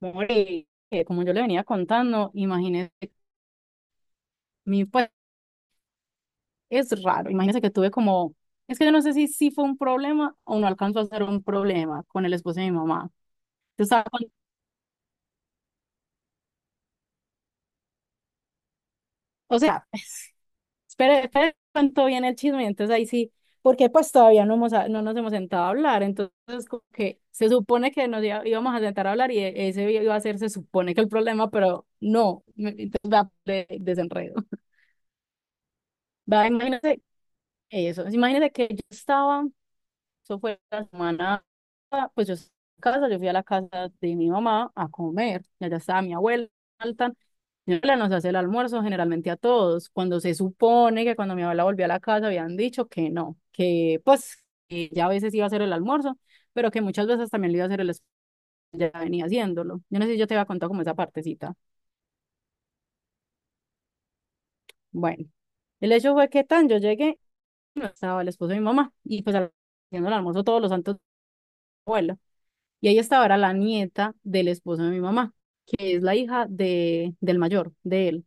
Mori, como yo le venía contando, imagínese, mi pues es raro, imagínese que tuve como, es que yo no sé si fue un problema o no alcanzó a ser un problema con el esposo de mi mamá. Yo estaba con- o sea, espere, espere, cuento bien el chisme, entonces ahí sí, porque pues todavía no, no nos hemos sentado a hablar, entonces como que se supone que íbamos a sentar a hablar y ese iba a ser, se supone que el problema, pero no, entonces va de desenredo. Va, imagínese eso, imagínese que yo estaba. Eso fue la semana, pues yo estaba en casa, yo fui a la casa de mi mamá a comer, y allá estaba mi abuela, alta. Mi abuela nos hace el almuerzo generalmente a todos, cuando se supone que cuando mi abuela volvió a la casa habían dicho que no, que pues que ya a veces iba a hacer el almuerzo, pero que muchas veces también le iba a hacer el esposo, ya venía haciéndolo. Yo no sé si yo te había contado como esa partecita. Bueno, el hecho fue que tan yo llegué, no estaba el esposo de mi mamá, y pues haciendo el almuerzo todos los santos abuelos. Y ahí estaba, era la nieta del esposo de mi mamá, que es la hija del mayor, de él.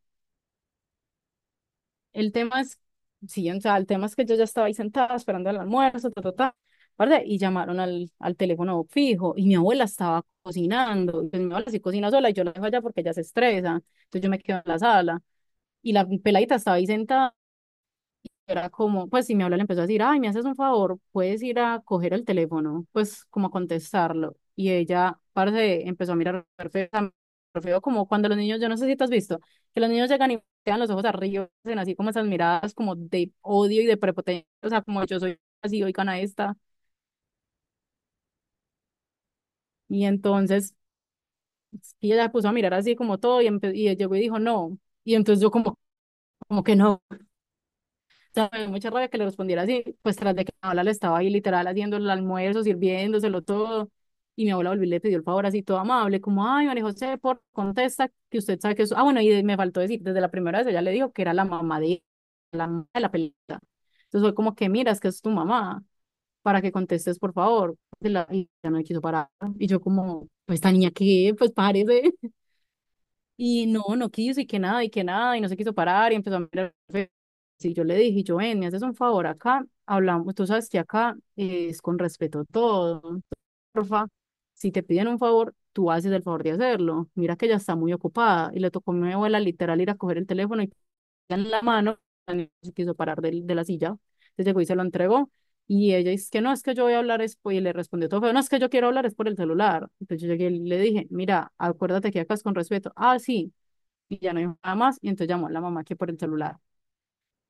El tema es, sí, o sea, el tema es que yo ya estaba ahí sentada esperando el almuerzo, ta, ta, ta, ¿verdad? Y llamaron al teléfono fijo y mi abuela estaba cocinando. Y pues mi abuela sí cocina sola y yo la dejo allá porque ella se estresa. Entonces yo me quedo en la sala y la peladita estaba ahí sentada, era como, pues si mi abuela le empezó a decir, ay, me haces un favor, puedes ir a coger el teléfono, pues como a contestarlo. Y ella, parce, empezó a mirar re feo, a mirar re feo, como cuando los niños, yo no sé si te has visto, que los niños llegan y dan los ojos arriba, hacen así como esas miradas como de odio y de prepotencia, o sea, como yo soy así, oigan a esta. Y entonces y ella se puso a mirar así como todo y, y llegó y dijo, no. Y entonces yo como, como que no. Sea, me dio mucha rabia que le respondiera así, pues tras de que mi abuela le estaba ahí literal haciendo el almuerzo, sirviéndoselo todo, y mi abuela volvió y le pidió el favor así todo amable, como, ay, María José, por contesta, que usted sabe que eso, ah, bueno, y me faltó decir, desde la primera vez ella le dijo que era la mamá de mamá de la pelita, entonces fue como que, mira, es que es tu mamá, para que contestes, por favor, y y ella no me quiso parar, y yo como, pues esta niña qué, pues parece, y no, no quiso y que nada, y que nada, y no se quiso parar y empezó a mirar. Sí, yo le dije, yo ven, me haces un favor acá, hablamos, tú sabes que acá es con respeto todo. Porfa, si te piden un favor, tú haces el favor de hacerlo. Mira que ella está muy ocupada y le tocó a mi abuela literal ir a coger el teléfono y en la mano, no se quiso parar de la silla. Entonces llegó y se lo entregó. Y ella dice que no, es que yo voy a hablar, y le respondió todo feo, no, es que yo quiero hablar, es por el celular. Entonces yo llegué y le dije, mira, acuérdate que acá es con respeto. Ah, sí, y ya no dijo nada más, y entonces llamó a la mamá que por el celular.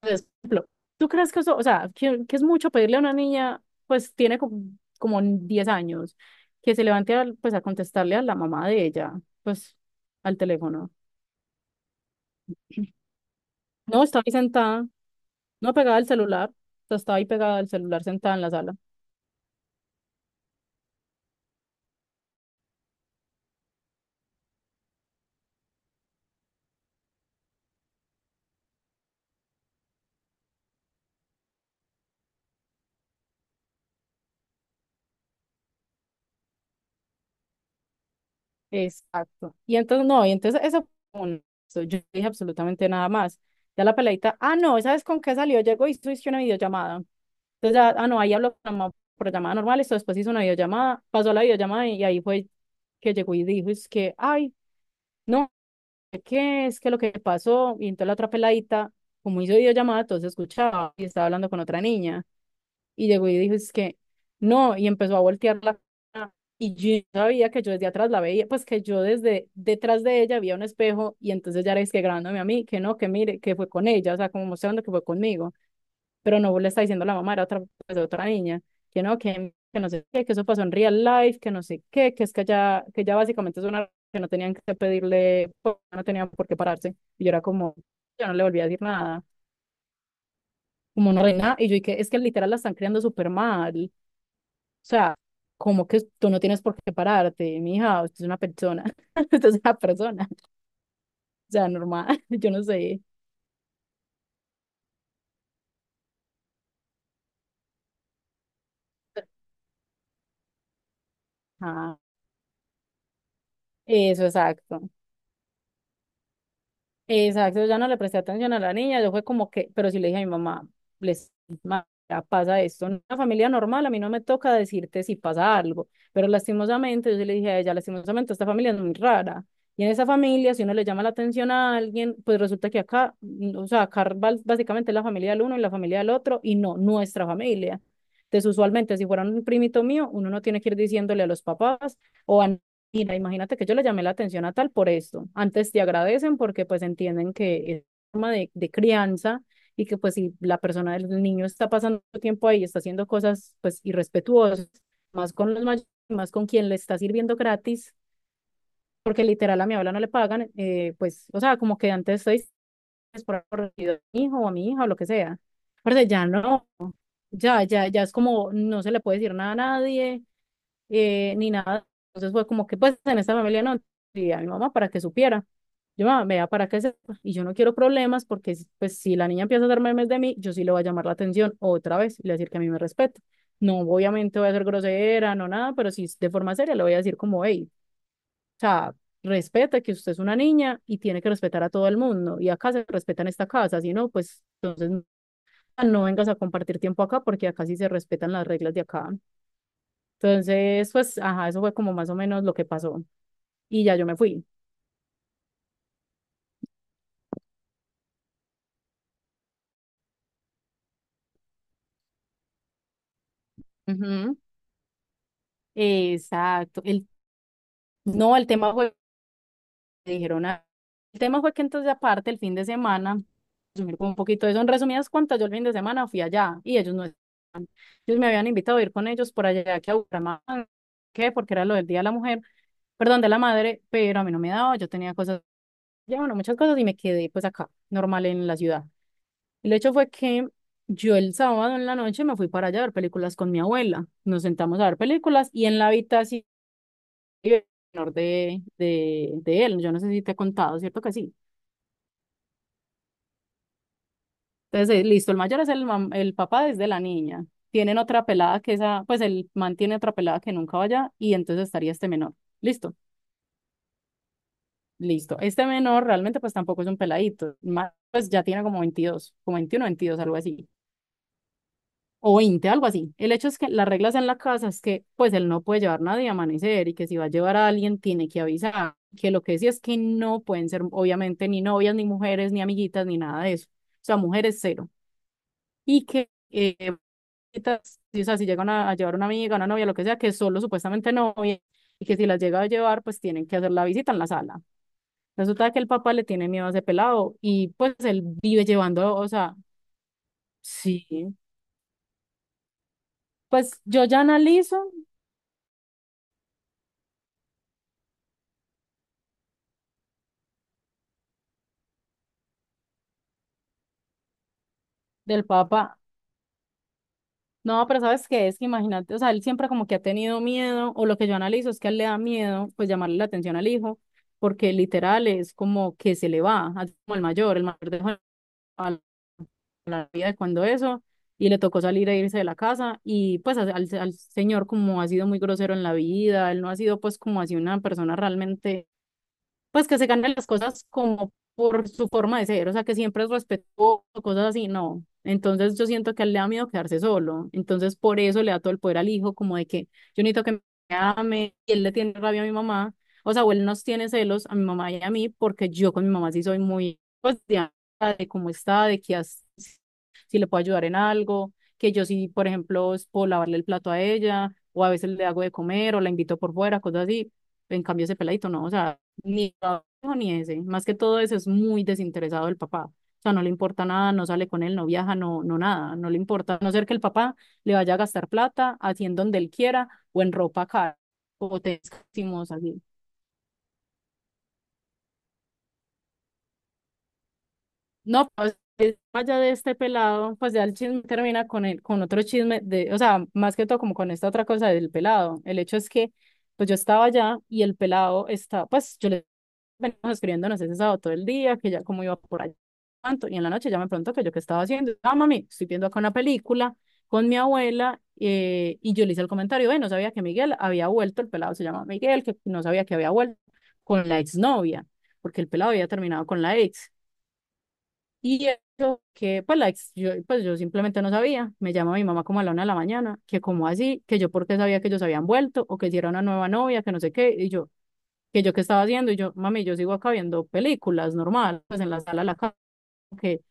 Entonces, por ejemplo, ¿tú crees que eso, o sea, que es mucho pedirle a una niña, pues tiene como, 10 años, que se levante a, pues, a contestarle a la mamá de ella, pues al teléfono? No, estaba ahí sentada, no pegada al celular, o sea, estaba ahí pegada al celular sentada en la sala. Exacto. Y entonces, no, y entonces eso fue un- eso, yo no dije absolutamente nada más. Ya la peladita, ah, no, ¿sabes con qué salió? Llegó y hizo una videollamada. Entonces, ya, ah, no, ahí habló por llamada normal, esto después hizo una videollamada, pasó la videollamada y, ahí fue que llegó y dijo, es que, ay, no, es que lo que pasó, y entonces la otra peladita, como hizo videollamada, entonces escuchaba y estaba hablando con otra niña. Y llegó y dijo, es que no, y empezó a voltear la cara. Y yo no sabía que yo desde atrás la veía, pues que yo desde detrás de ella había un espejo y entonces ya era es que grabándome a mí, que no, que mire, que fue con ella, o sea, como mostrando que fue conmigo, pero no le está diciendo la mamá, era otra, pues, otra niña, que no sé qué, que eso pasó en real life, que no sé qué, que es que ya básicamente es una que no tenían que pedirle, pues, no tenían por qué pararse. Y yo era como, yo no le volví a decir nada, como no reina, y yo dije, es que literal la están creando súper mal, o sea, como que tú no tienes por qué pararte, mija, usted es una persona, usted es una persona, o sea, normal, yo no sé. Ah, eso, exacto. Exacto, ya no le presté atención a la niña, yo fue como que, pero sí le dije a mi mamá, les ya pasa esto, en una familia normal a mí no me toca decirte si pasa algo, pero lastimosamente yo sí le dije a ella, lastimosamente esta familia es muy rara, y en esa familia si uno le llama la atención a alguien, pues resulta que acá, o sea, básicamente es la familia del uno y la familia del otro, y no nuestra familia. Entonces usualmente si fuera un primito mío, uno no tiene que ir diciéndole a los papás, o a. Mira, imagínate que yo le llamé la atención a tal por esto. Antes te agradecen porque pues entienden que es forma de crianza y que pues si la persona del niño está pasando tiempo ahí, está haciendo cosas pues irrespetuosas, más con los mayores, más con quien le está sirviendo gratis, porque literal a mi abuela no le pagan, pues, o sea, como que antes estoy por a mi hijo o a mi hija o lo que sea. Pero ya no, ya, ya, ya es como no se le puede decir nada a nadie, ni nada. Entonces fue como que pues en esta familia no, y a mi mamá para que supiera. Yo, mamá, vea, para que sepa. Y yo no quiero problemas porque pues si la niña empieza a hacer memes de mí, yo sí le voy a llamar la atención otra vez y le voy a decir que a mí me respeta. No, obviamente voy a ser grosera, no nada, pero sí de forma seria le voy a decir como, hey, o sea, respeta que usted es una niña y tiene que respetar a todo el mundo. Y acá se respeta en esta casa, si no, pues entonces no vengas a compartir tiempo acá porque acá sí se respetan las reglas de acá. Entonces, pues, ajá, eso fue como más o menos lo que pasó. Y ya yo me fui. Ujú. Exacto. El, no, el tema fue, me dijeron, ah, el tema fue que entonces aparte el fin de semana, resumir como un poquito de eso, en resumidas cuentas, yo el fin de semana fui allá y ellos no, ellos me habían invitado a ir con ellos por allá que a Bucaramanga, ¿qué? Porque era lo del Día de la Mujer, perdón, de la Madre, pero a mí no me daba, yo tenía cosas, ya bueno, muchas cosas y me quedé pues acá, normal en la ciudad. El hecho fue que yo el sábado en la noche me fui para allá a ver películas con mi abuela. Nos sentamos a ver películas y en la habitación menor de él, yo no sé si te he contado, ¿cierto que sí? Entonces, listo, el mayor es el papá desde la niña. Tienen otra pelada que esa, pues el man tiene otra pelada que nunca vaya y entonces estaría este menor. Listo, listo. Este menor realmente pues tampoco es un peladito, más, pues ya tiene como 22 como 21 22 algo así. O 20 algo así. El hecho es que las reglas en la casa es que pues él no puede llevar nadie a amanecer y que si va a llevar a alguien tiene que avisar, que lo que sí es que no pueden ser obviamente ni novias, ni mujeres, ni amiguitas, ni nada de eso. O sea, mujeres cero. Y que, o sea, si llegan a llevar una amiga, una novia, lo que sea, que solo supuestamente novia y que si las llega a llevar pues tienen que hacer la visita en la sala. Resulta que el papá le tiene miedo a ese pelado y pues él vive llevando, o sea, sí. Pues yo ya analizo del papá. No, pero ¿sabes qué es? Que imagínate, o sea, él siempre como que ha tenido miedo, o lo que yo analizo es que a él le da miedo, pues llamarle la atención al hijo, porque literal es como que se le va, así como el mayor dejó a la vida de cuando eso, y le tocó salir e irse de la casa, y pues al señor como ha sido muy grosero en la vida, él no ha sido pues como así una persona realmente pues que se ganen las cosas como por su forma de ser, o sea, que siempre es respetuoso, cosas así, no. Entonces yo siento que a él le da miedo quedarse solo, entonces por eso le da todo el poder al hijo, como de que yo necesito que me ame, y él le tiene rabia a mi mamá, o sea, o él nos tiene celos a mi mamá y a mí, porque yo con mi mamá sí soy muy, pues, de cómo está, de qué hace, si le puedo ayudar en algo, que yo sí, por ejemplo, es puedo lavarle el plato a ella, o a veces le hago de comer, o la invito por fuera, cosas así. En cambio, ese peladito no, o sea, ni lo hijo ni ese. Más que todo eso es muy desinteresado el papá. O sea, no le importa nada, no sale con él, no viaja, no, no nada, no le importa. A no ser que el papá le vaya a gastar plata, haciendo donde él quiera o en ropa cara o testimos así. No, pues es- más allá de este pelado, pues ya el chisme termina con el, con otro chisme de, o sea, más que todo como con esta otra cosa del pelado. El hecho es que, pues yo estaba allá y el pelado está, pues yo le venimos escribiéndonos ese sábado todo el día, que ya como iba por allá tanto, y en la noche ya me preguntó que yo qué estaba haciendo. Ah, mami, estoy viendo acá una película con mi abuela, y yo le hice el comentario, no sabía que Miguel había vuelto, el pelado se llama Miguel, que no sabía que había vuelto con la exnovia, porque el pelado había terminado con la ex. Y eso que, pues, la ex- yo, pues yo simplemente no sabía. Me llama mi mamá como a la 1 de la mañana, que como así, que yo porque sabía que ellos habían vuelto o que si era una nueva novia, que no sé qué. Y yo, que yo qué estaba haciendo. Y yo, mami, yo sigo acá viendo películas normal, pues en la sala de la casa. Que,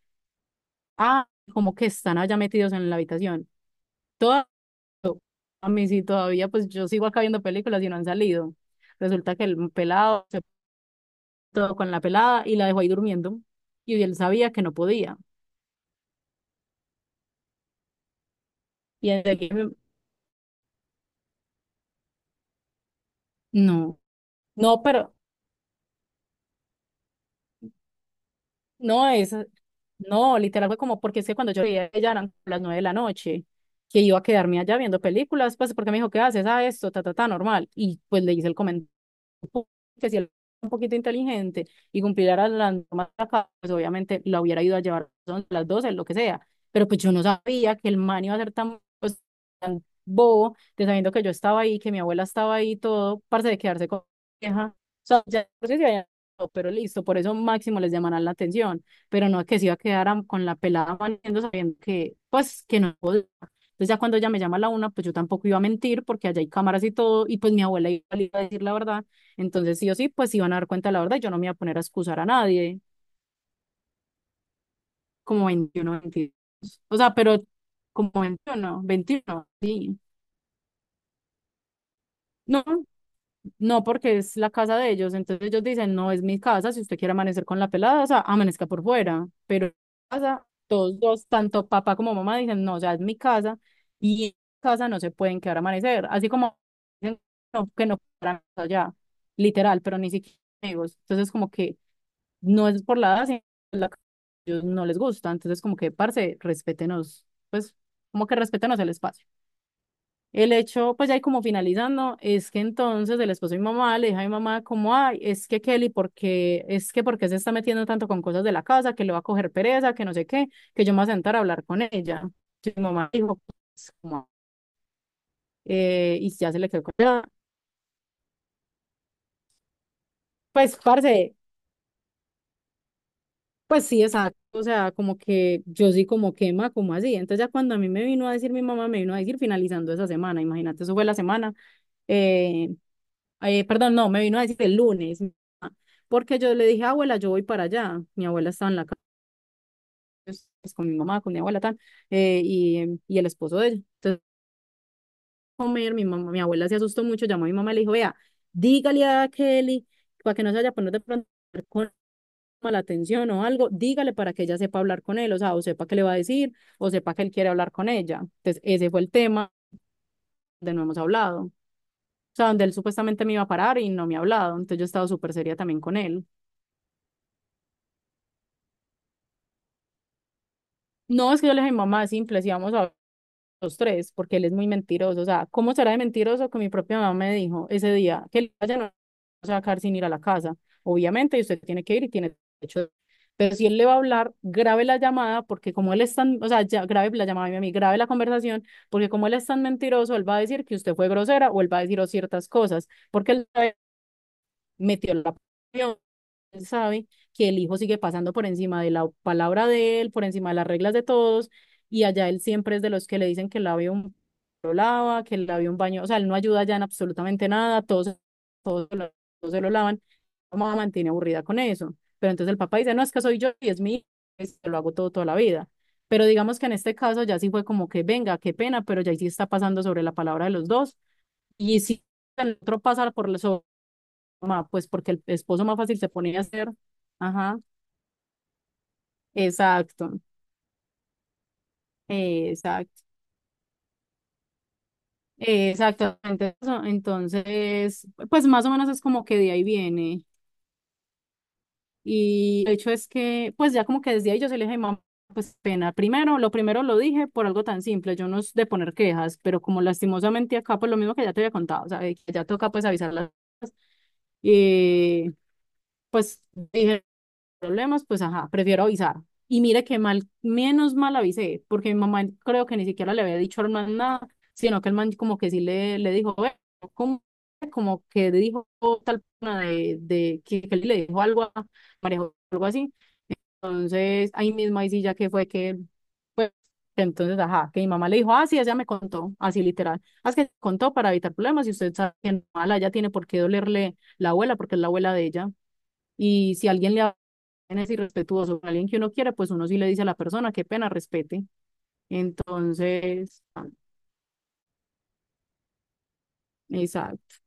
ah, como que están allá metidos en la habitación. Todo, a mí sí, todavía, pues yo sigo acá viendo películas y no han salido. Resulta que el pelado se puso con la pelada y la dejó ahí durmiendo. Y él sabía que no podía. Y enseguida, no. No, pero no, es, no, literal fue como porque es que cuando yo veía ella eran las 9 de la noche, que iba a quedarme allá viendo películas, pues porque me dijo, ¿qué haces? Ah, esto, ta, ta, ta, normal. Y pues le hice el comentario que si él era un poquito inteligente y cumpliera las normas pues obviamente la hubiera ido a llevar a las 12, lo que sea. Pero pues yo no sabía que el man iba a ser tan, pues, tan bobo, de sabiendo que yo estaba ahí, que mi abuela estaba ahí, todo, parce de quedarse con mi vieja. O sea, ya no sé si había- pero listo, por eso máximo les llamarán la atención, pero no es que se iba a quedar am- con la pelada maniendo sabiendo que, pues, que no podía. Entonces ya cuando ella me llama a la 1, pues yo tampoco iba a mentir porque allá hay cámaras y todo, y pues mi abuela iba a decir la verdad, entonces, sí o sí, pues iban a dar cuenta de la verdad. Yo no me iba a poner a excusar a nadie, como 21 22. O sea, pero como veintiuno sí. No, no, porque es la casa de ellos. Entonces ellos dicen, no, es mi casa. Si usted quiere amanecer con la pelada, o sea, amanezca por fuera. Pero en mi casa, todos dos, tanto papá como mamá, dicen, no, ya es mi casa. Y en mi casa no se pueden quedar a amanecer. Así como dicen, no, que no para allá, literal, pero ni siquiera amigos. Entonces, como que no es por la edad, sino por la que ellos no les gusta. Entonces, como que, parce, respétenos, pues, como que respétenos el espacio. El hecho, pues ya ahí como finalizando, es que entonces el esposo de mi mamá le dijo a mi mamá como, ay, es que Kelly, porque es que porque se está metiendo tanto con cosas de la casa, que le va a coger pereza, que no sé qué, que yo me voy a sentar a hablar con ella. Y mi mamá dijo, pues, como, y ya se le quedó con ella. Pues, parce, pues sí, exacto, o sea, como que yo sí como quema, como así. Entonces ya cuando a mí me vino a decir mi mamá, me vino a decir finalizando esa semana, imagínate, eso fue la semana, eh, perdón, no, me vino a decir el lunes, porque yo le dije, abuela, yo voy para allá. Mi abuela estaba en la casa, pues, con mi mamá, con mi abuela, tal, y y el esposo de ella. Entonces, comer, mi mamá, mi abuela se asustó mucho, llamó a mi mamá y le dijo, vea, dígale a Kelly, para que no se vaya a poner de pronto la atención o algo, dígale para que ella sepa hablar con él, o sea, o sepa qué le va a decir, o sepa que él quiere hablar con ella. Entonces, ese fue el tema donde no hemos hablado. O sea, donde él supuestamente me iba a parar y no me ha hablado. Entonces yo he estado súper seria también con él. No, es que yo le dije, mamá, es simple, si vamos a los tres, porque él es muy mentiroso. O sea, ¿cómo será de mentiroso que mi propia mamá me dijo ese día que el vaya no va a sacar sin ir a la casa? Obviamente, usted tiene que ir y tiene derecho. De- pero si él le va a hablar, grabe la llamada, porque como él es tan, o sea, ya, grabe la llamada a mí, grabe la conversación, porque como él es tan mentiroso, él va a decir que usted fue grosera o él va a decir o ciertas cosas, porque él metió la presión, él sabe que el hijo sigue pasando por encima de la palabra de él, por encima de las reglas de todos, y allá él siempre es de los que le dicen que el labio un lo lava, que el labio un baño, o sea, él no ayuda ya en absolutamente nada, todos, todos, se lo todos se lo lavan, la mamá mantiene aburrida con eso, pero entonces el papá dice, no, es que soy yo y es mi hijo, pues, lo hago todo toda la vida. Pero digamos que en este caso ya sí fue como que venga, qué pena, pero ya ahí sí está pasando sobre la palabra de los dos. Y si el otro pasa por los mamá, pues porque el esposo más fácil se ponía a hacer. Ajá, exacto, exacto, exactamente. Eso. Entonces, pues más o menos es como que de ahí viene. Y el hecho es que, pues ya como que desde ahí yo se le dije, mamá, pues pena. Primero lo dije por algo tan simple, yo no es de poner quejas, pero como lastimosamente acá, pues lo mismo que ya te había contado, o sea, de que ya toca pues avisar las cosas. Y pues dije, problemas, pues ajá, prefiero avisar. Y mire que mal, menos mal avisé, porque mi mamá creo que ni siquiera le había dicho al man nada, sino que el man como que sí le dijo, "Ve, ¿cómo?", como que dijo tal persona de que le dijo algo a María Jo- algo así. Entonces, ahí mismo, ahí sí ya que fue que, pues, entonces, ajá, que mi mamá le dijo, ah, sí, ella me contó, así literal, ah, es que contó para evitar problemas y usted sabe que no, mala, ella tiene por qué dolerle la abuela, porque es la abuela de ella. Y si alguien le es irrespetuoso con alguien que uno quiere pues uno sí le dice a la persona, qué pena, respete. Entonces, ah, exacto.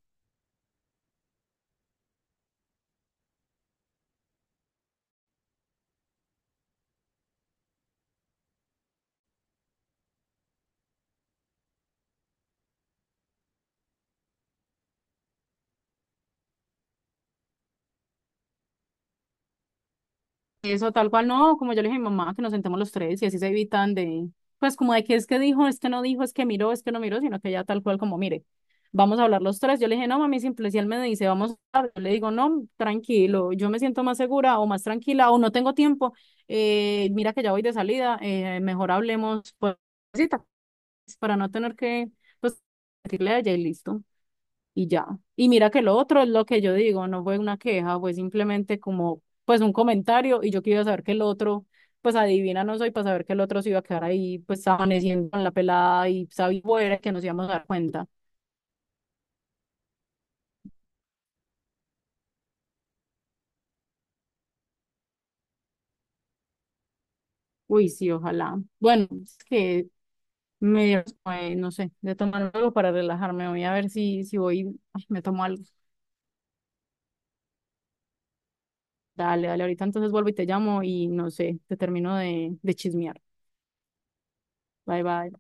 Eso tal cual, no, como yo le dije a mi mamá, que nos sentemos los tres y así se evitan de, pues como de que es que dijo, es que no dijo, es que miró, es que no miró, sino que ya tal cual como, mire, vamos a hablar los tres. Yo le dije, no, mami, simple, si él me dice, vamos a hablar, yo le digo, no, tranquilo, yo me siento más segura o más tranquila o no tengo tiempo, mira que ya voy de salida, mejor hablemos, pues, cita, pues, para no tener que, pues, decirle a ella y listo. Y ya. Y mira que lo otro es lo que yo digo, no fue una queja, fue simplemente como, pues un comentario y yo quería saber que el otro, pues adivina no soy para saber que el otro se iba a quedar ahí, pues amaneciendo con la pelada y sabía fuera que nos íbamos a dar cuenta. Uy, sí, ojalá. Bueno, es que me dieron, no sé, de tomar algo para relajarme, voy a ver si, si voy, ay, me tomo algo. Dale, dale, ahorita entonces vuelvo y te llamo y no sé, te termino de chismear. Bye, bye.